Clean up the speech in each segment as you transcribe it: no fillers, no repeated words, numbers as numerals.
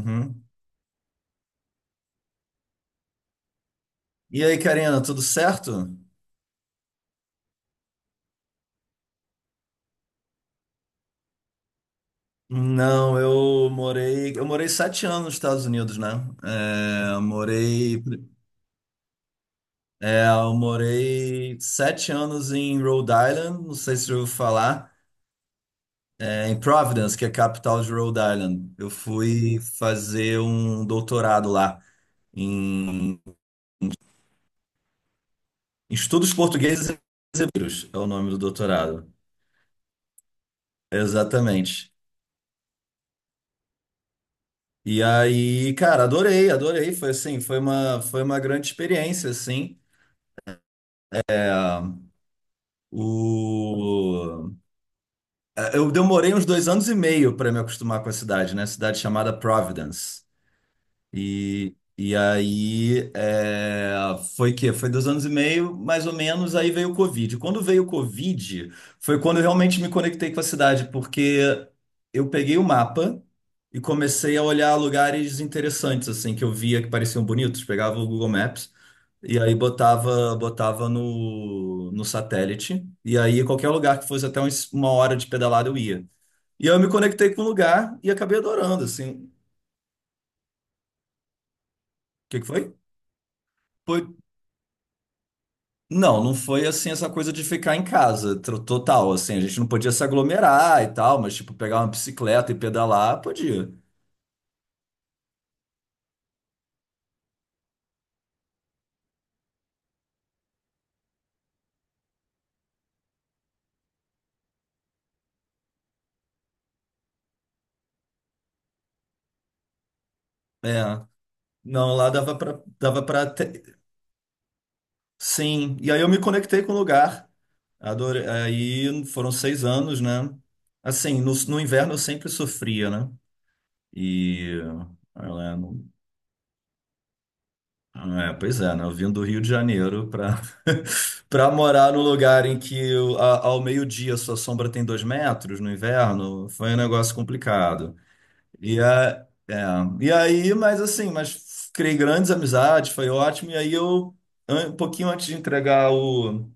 Uhum. E aí, Karina, tudo certo? Não, eu morei sete anos nos Estados Unidos, né? É, eu morei, é, eu morei sete anos em Rhode Island, não sei se você ouviu falar, em Providence, que é a capital de Rhode Island. Eu fui fazer um doutorado lá em Estudos Portugueses e Brasileiros, é o nome do doutorado. Exatamente. E aí, cara, adorei, adorei. Foi assim, foi uma grande experiência, assim. O... Eu demorei uns dois anos e meio para me acostumar com a cidade, né? Cidade chamada Providence. E aí foi dois anos e meio, mais ou menos, aí veio o Covid. Quando veio o Covid, foi quando eu realmente me conectei com a cidade, porque eu peguei o mapa e comecei a olhar lugares interessantes, assim, que eu via que pareciam bonitos. Pegava o Google Maps e aí botava, botava no satélite. E aí qualquer lugar que fosse até uma hora de pedalada eu ia. E aí eu me conectei com o lugar e acabei adorando, assim. O que que foi? Foi... Não, não foi assim essa coisa de ficar em casa, total, assim. A gente não podia se aglomerar e tal, mas tipo, pegar uma bicicleta e pedalar, podia. É. Não, lá dava pra, dava pra. Sim, e aí eu me conectei com o lugar. Adorei. Aí foram seis anos, né? Assim, no inverno eu sempre sofria, né? E. ela não- É, pois é, né? Eu vim do Rio de Janeiro para para morar num lugar em que ao meio-dia sua sombra tem dois metros no inverno, foi um negócio complicado. E, a, é, e aí, mas assim, criei grandes amizades, foi ótimo. E aí eu, um pouquinho antes de entregar o,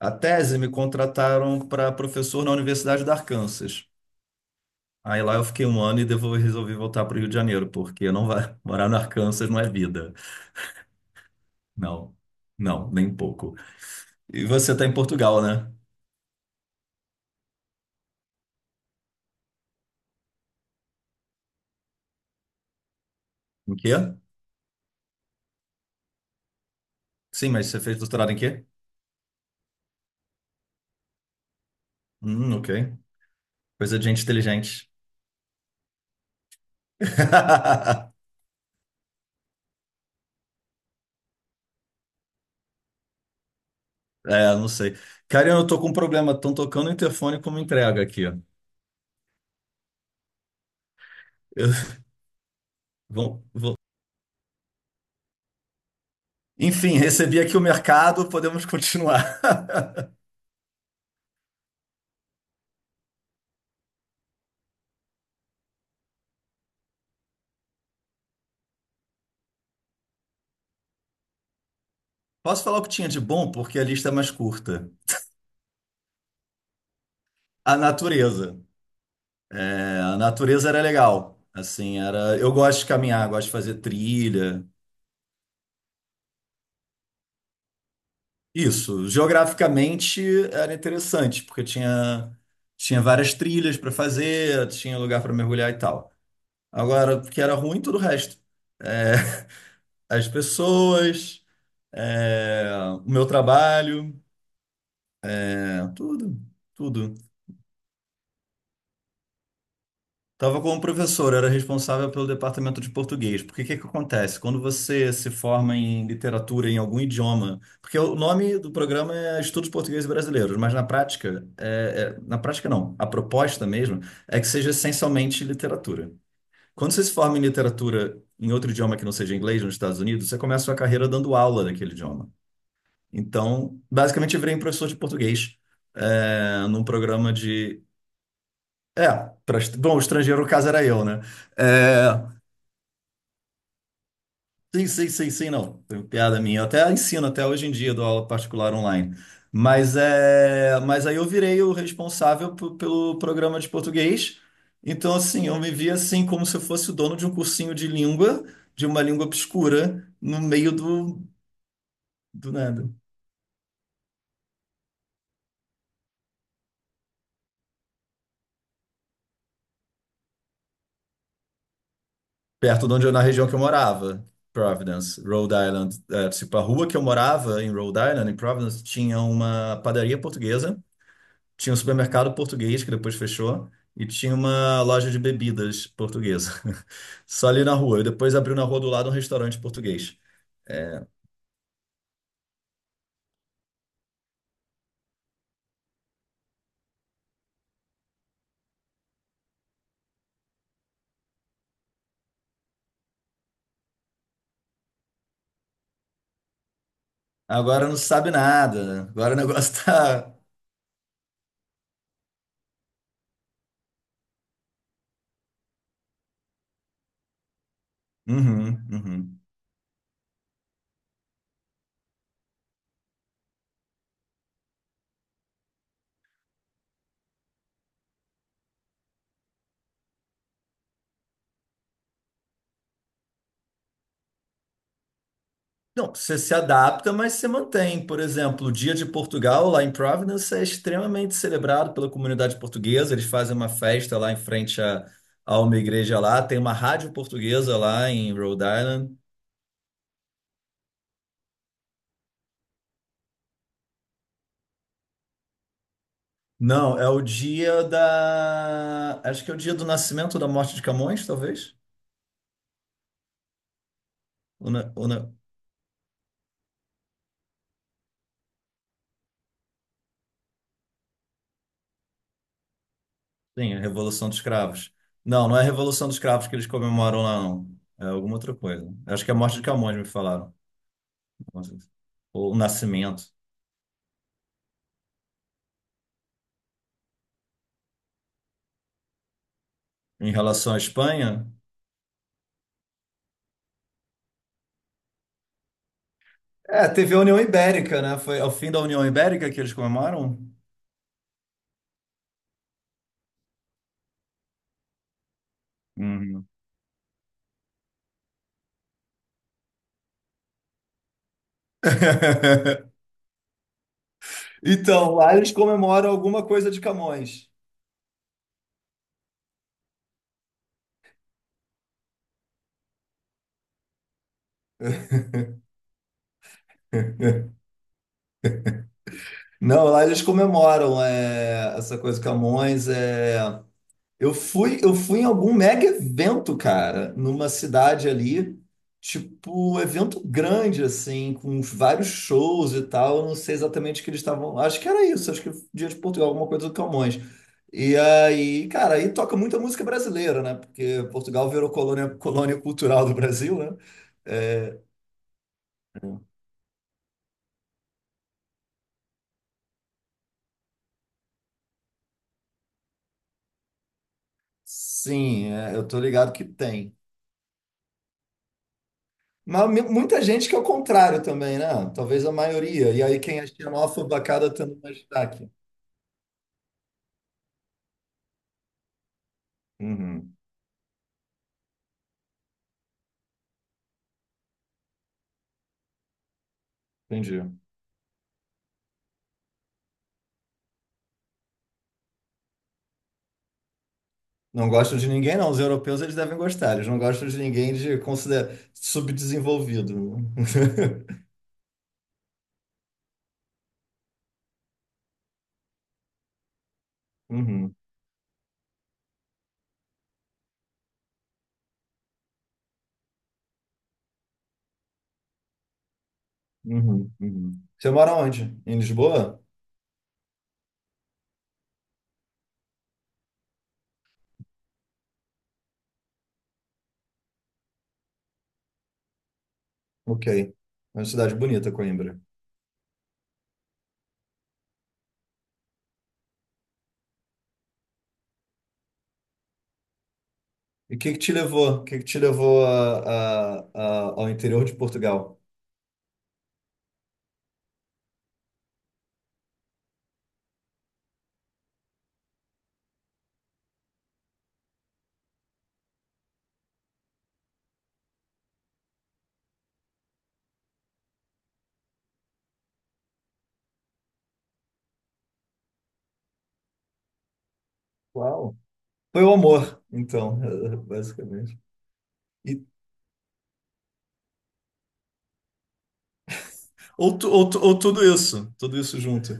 a tese, me contrataram para professor na Universidade do Arkansas. Aí lá eu fiquei um ano e resolvi voltar para o Rio de Janeiro, porque não vai morar no Arkansas não é vida. Não, não, nem um pouco. E você está em Portugal, né? Em quê? Sim, mas você fez doutorado em quê? Ok. Coisa de gente inteligente. É, não sei. Cara, eu tô com um problema. Estão tocando o interfone como entrega aqui. Ó. Eu- vão- vão- Enfim, recebi aqui o mercado, podemos continuar. Posso falar o que tinha de bom, porque a lista é mais curta. A natureza. É, a natureza era legal. Assim, era. Eu gosto de caminhar, gosto de fazer trilha. Isso. Geograficamente era interessante, porque tinha várias trilhas para fazer, tinha lugar para mergulhar e tal. Agora, o que era ruim, tudo o resto. É, as pessoas, é, o meu trabalho, tudo, tudo. Estava como professor, era responsável pelo departamento de português. Porque o que que acontece? Quando você se forma em literatura em algum idioma, porque o nome do programa é Estudos Portugueses Brasileiros, mas na prática, na prática não, a proposta mesmo é que seja essencialmente literatura. Quando você se forma em literatura em outro idioma que não seja inglês nos Estados Unidos, você começa a sua carreira dando aula daquele idioma. Então, basicamente, eu virei um professor de português num programa de. É, bom, o estrangeiro, no caso, era eu, né? É, sim, sim, sim, sim, não. Tem piada minha. Eu até ensino, até hoje em dia, dou aula particular online. Mas aí eu virei o responsável pelo programa de português. Então, assim, eu me via assim como se eu fosse o dono de um cursinho de língua, de uma língua obscura, no meio do nada. Perto de onde na região que eu morava, Providence, Rhode Island. É, tipo, a rua que eu morava em Rhode Island, em Providence, tinha uma padaria portuguesa, tinha um supermercado português que depois fechou e tinha uma loja de bebidas portuguesa. Só ali na rua. E depois abriu na rua do lado um restaurante português. Agora não sabe nada. Agora o negócio tá. Uhum, uhum. Não, você se adapta, mas você mantém. Por exemplo, o Dia de Portugal, lá em Providence, é extremamente celebrado pela comunidade portuguesa. Eles fazem uma festa lá em frente a uma igreja lá. Tem uma rádio portuguesa lá em Rhode Island. Não, é o dia da. Acho que é o dia do nascimento ou da morte de Camões, talvez? Ou na- ou na- Sim, a Revolução dos Cravos. Não, não é a Revolução dos Cravos que eles comemoram lá, não. É alguma outra coisa. Acho que é a morte de Camões, me falaram. Ou o nascimento. Em relação à Espanha? É, teve a União Ibérica, né? Foi ao fim da União Ibérica que eles comemoram? Uhum. Então, lá eles comemoram alguma coisa de Camões. Não, lá eles comemoram essa coisa de Camões. Eu fui em algum mega evento, cara, numa cidade ali, tipo, evento grande, assim, com vários shows e tal. Eu não sei exatamente o que eles estavam. Acho que era isso, acho que Dia de Portugal, alguma coisa do Camões. E aí, cara, aí toca muita música brasileira, né? Porque Portugal virou colônia cultural do Brasil, né? É, sim, eu tô ligado que tem. Mas muita gente que é o contrário também, né? Talvez a maioria. E aí quem é xenófobo acaba tendo mais destaque. Uhum, entendi. Não gostam de ninguém, não. Os europeus eles devem gostar. Eles não gostam de ninguém de considerar subdesenvolvido. Uhum, uhum, uhum. Você mora onde? Em Lisboa? Ok. É uma cidade bonita, Coimbra. E o que que te levou? O que que te levou ao interior de Portugal? Uau. Foi o amor, então, basicamente. E, ou tudo isso junto.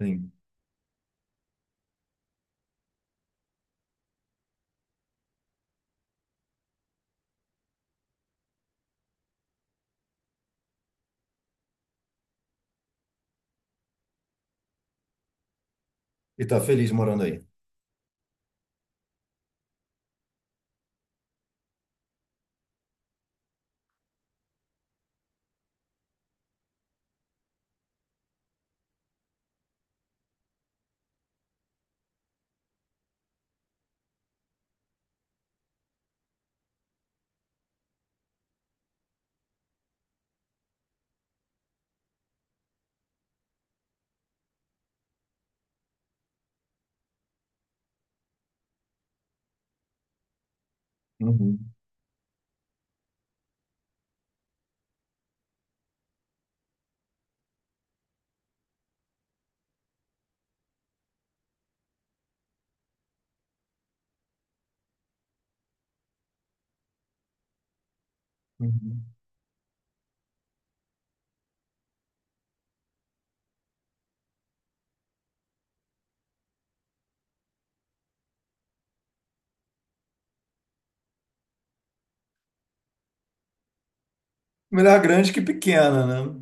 Sim. E tá feliz morando aí. Uhum, uhum. Melhor grande que pequena, né?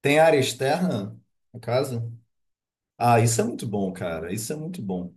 Tem área externa na casa? Ah, isso é muito bom, cara. Isso é muito bom.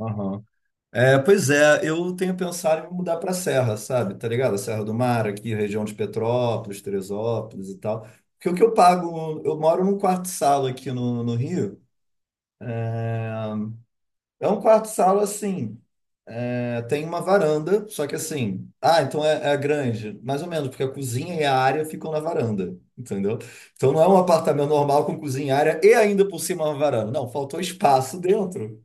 Aham. É, pois é, eu tenho pensado em me mudar para a Serra, sabe? Tá ligado? A Serra do Mar, aqui, região de Petrópolis, Teresópolis e tal. Porque o que eu pago, eu moro num quarto-sala aqui no Rio. É um quarto-sala assim. É, tem uma varanda, só que assim. Ah, então é a grande. Mais ou menos, porque a cozinha e a área ficam na varanda, entendeu? Então não é um apartamento normal com cozinha, área e ainda por cima uma varanda. Não, faltou espaço dentro.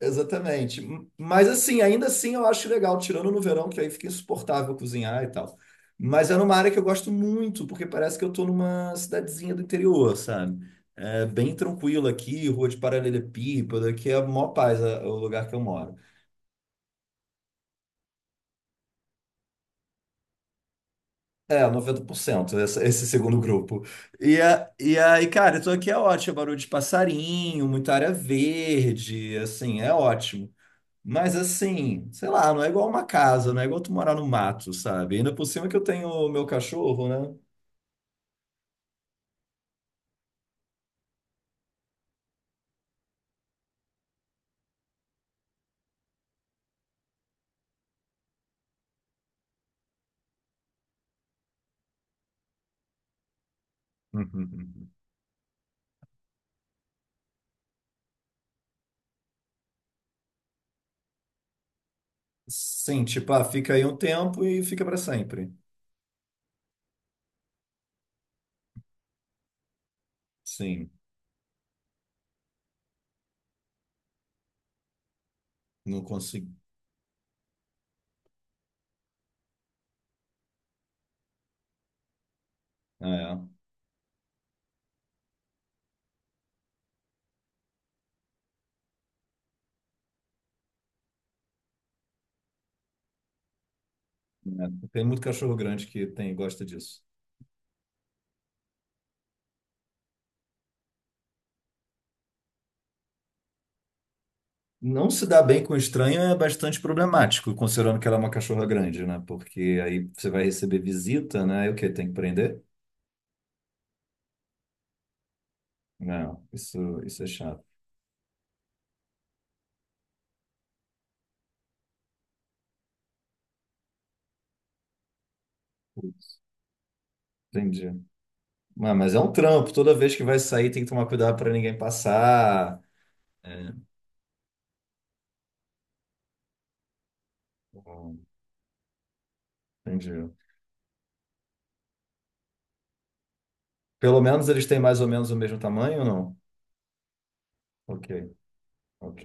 Exatamente. Mas assim, ainda assim eu acho legal, tirando no verão, que aí fica insuportável cozinhar e tal. Mas é numa área que eu gosto muito, porque parece que eu tô numa cidadezinha do interior, sabe? É bem tranquilo aqui, rua de paralelepípedo, aqui é a maior paz, é o lugar que eu moro. É, 90%, esse segundo grupo. E aí, cara, então aqui é ótimo, é barulho de passarinho, muita área verde, assim, é ótimo. Mas assim, sei lá, não é igual uma casa, não é igual tu morar no mato, sabe? Ainda por cima que eu tenho o meu cachorro, né? Sim, tipo, ah, fica aí um tempo e fica para sempre. Sim, não consigo. É, é. Tem muito cachorro grande que tem, gosta disso. Não se dar bem com estranho é bastante problemático, considerando que ela é uma cachorra grande, né? Porque aí você vai receber visita, né? E o quê? Tem que prender? Não, isso é chato. Putz, entendi. Ah, mas é um trampo. Toda vez que vai sair, tem que tomar cuidado para ninguém passar. É. Hum, entendi. Pelo menos eles têm mais ou menos o mesmo tamanho ou não? Ok, ok.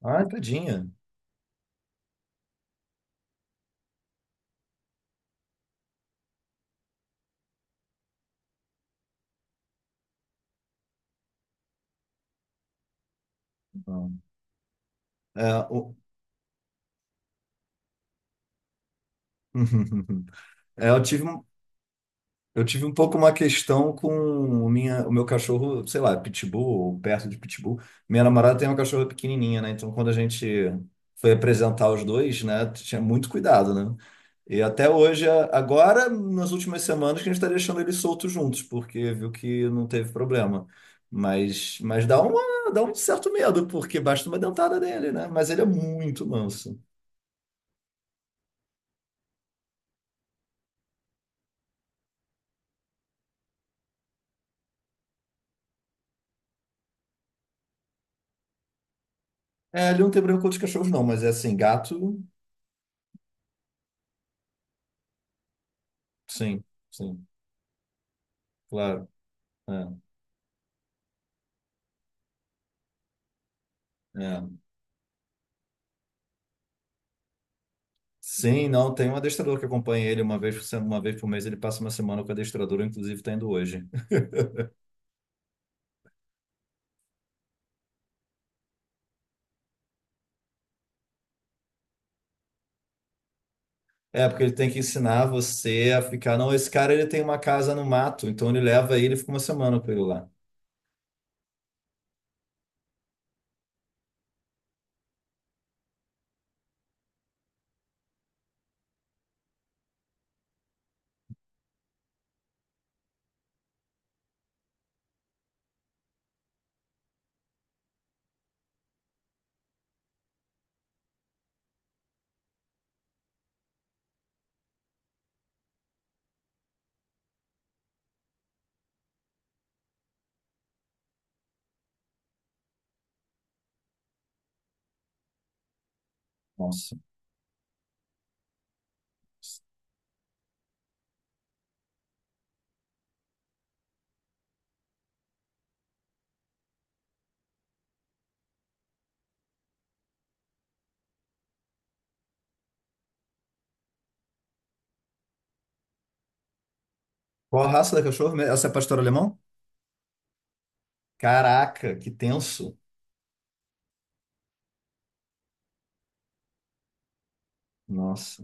Ah, tadinha. Não. É, o... É, eu tive. um Eu tive um pouco uma questão com o meu cachorro, sei lá, pitbull, ou perto de pitbull. Minha namorada tem uma cachorra pequenininha, né? Então, quando a gente foi apresentar os dois, né, tinha muito cuidado, né? E até hoje, agora, nas últimas semanas, que a gente está deixando eles soltos juntos, porque viu que não teve problema. Mas dá um certo medo, porque basta uma dentada dele, né? Mas ele é muito manso. É, ele não tem problema com outros cachorros, não, mas é assim, gato, sim, sim, claro. É, é. Sim, não, tem um adestrador que acompanha ele uma vez por, se- uma vez por mês, ele passa uma semana com o adestrador, inclusive está indo hoje. É, porque ele tem que ensinar você a ficar. Não, esse cara ele tem uma casa no mato, então ele leva ele e fica uma semana com ele lá. Nossa. Qual a raça da cachorro, mesmo? Essa é pastor alemão? Caraca, que tenso. Nossa.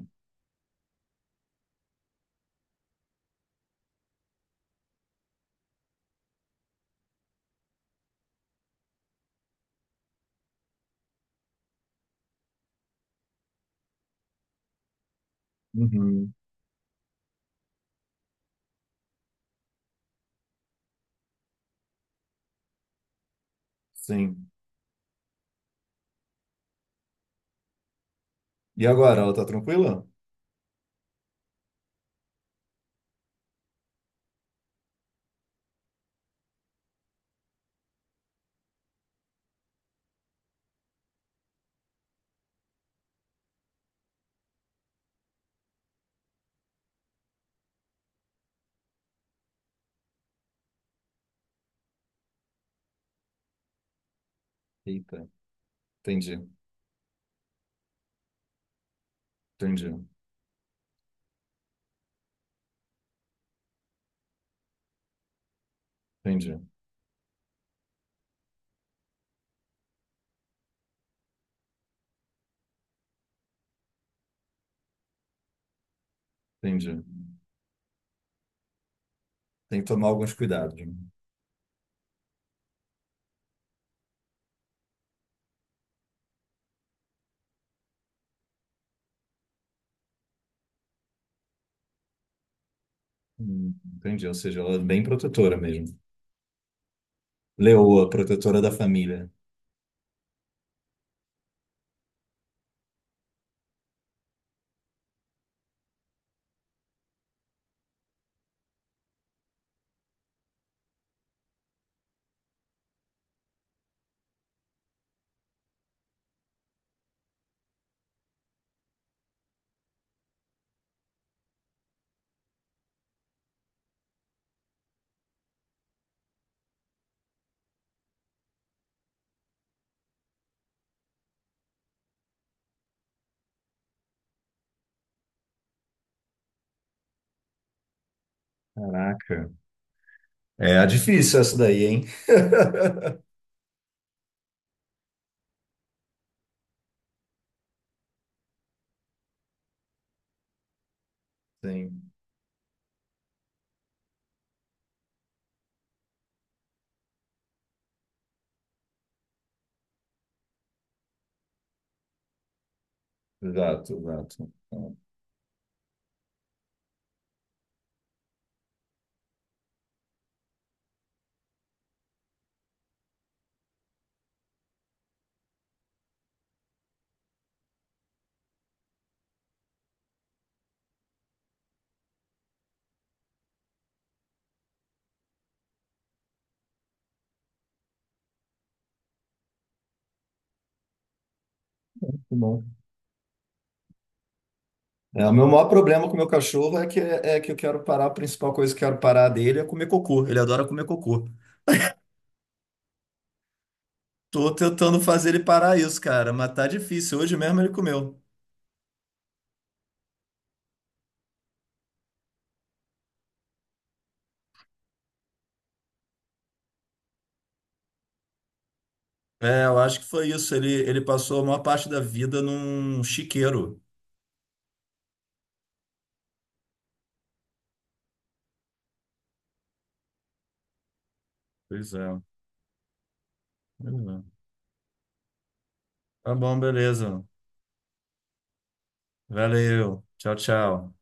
Uhum. Sim. E agora, ela tá tranquila? Eita, entendi, entendi, entendi, entendi. Tem que tomar alguns cuidados. Entendi, ou seja, ela é bem protetora mesmo. Leoa, protetora da família. Caraca. É, é difícil essa daí, hein? Sim, exato, exato. É, muito bom. É, o meu maior problema com o meu cachorro é que eu quero parar, a principal coisa que eu quero parar dele é comer cocô. Ele adora comer cocô. Tô tentando fazer ele parar isso, cara, mas tá difícil. Hoje mesmo ele comeu. É, eu acho que foi isso. Ele passou a maior parte da vida num chiqueiro. Pois é. Pois é. Tá bom, beleza. Valeu. Tchau, tchau.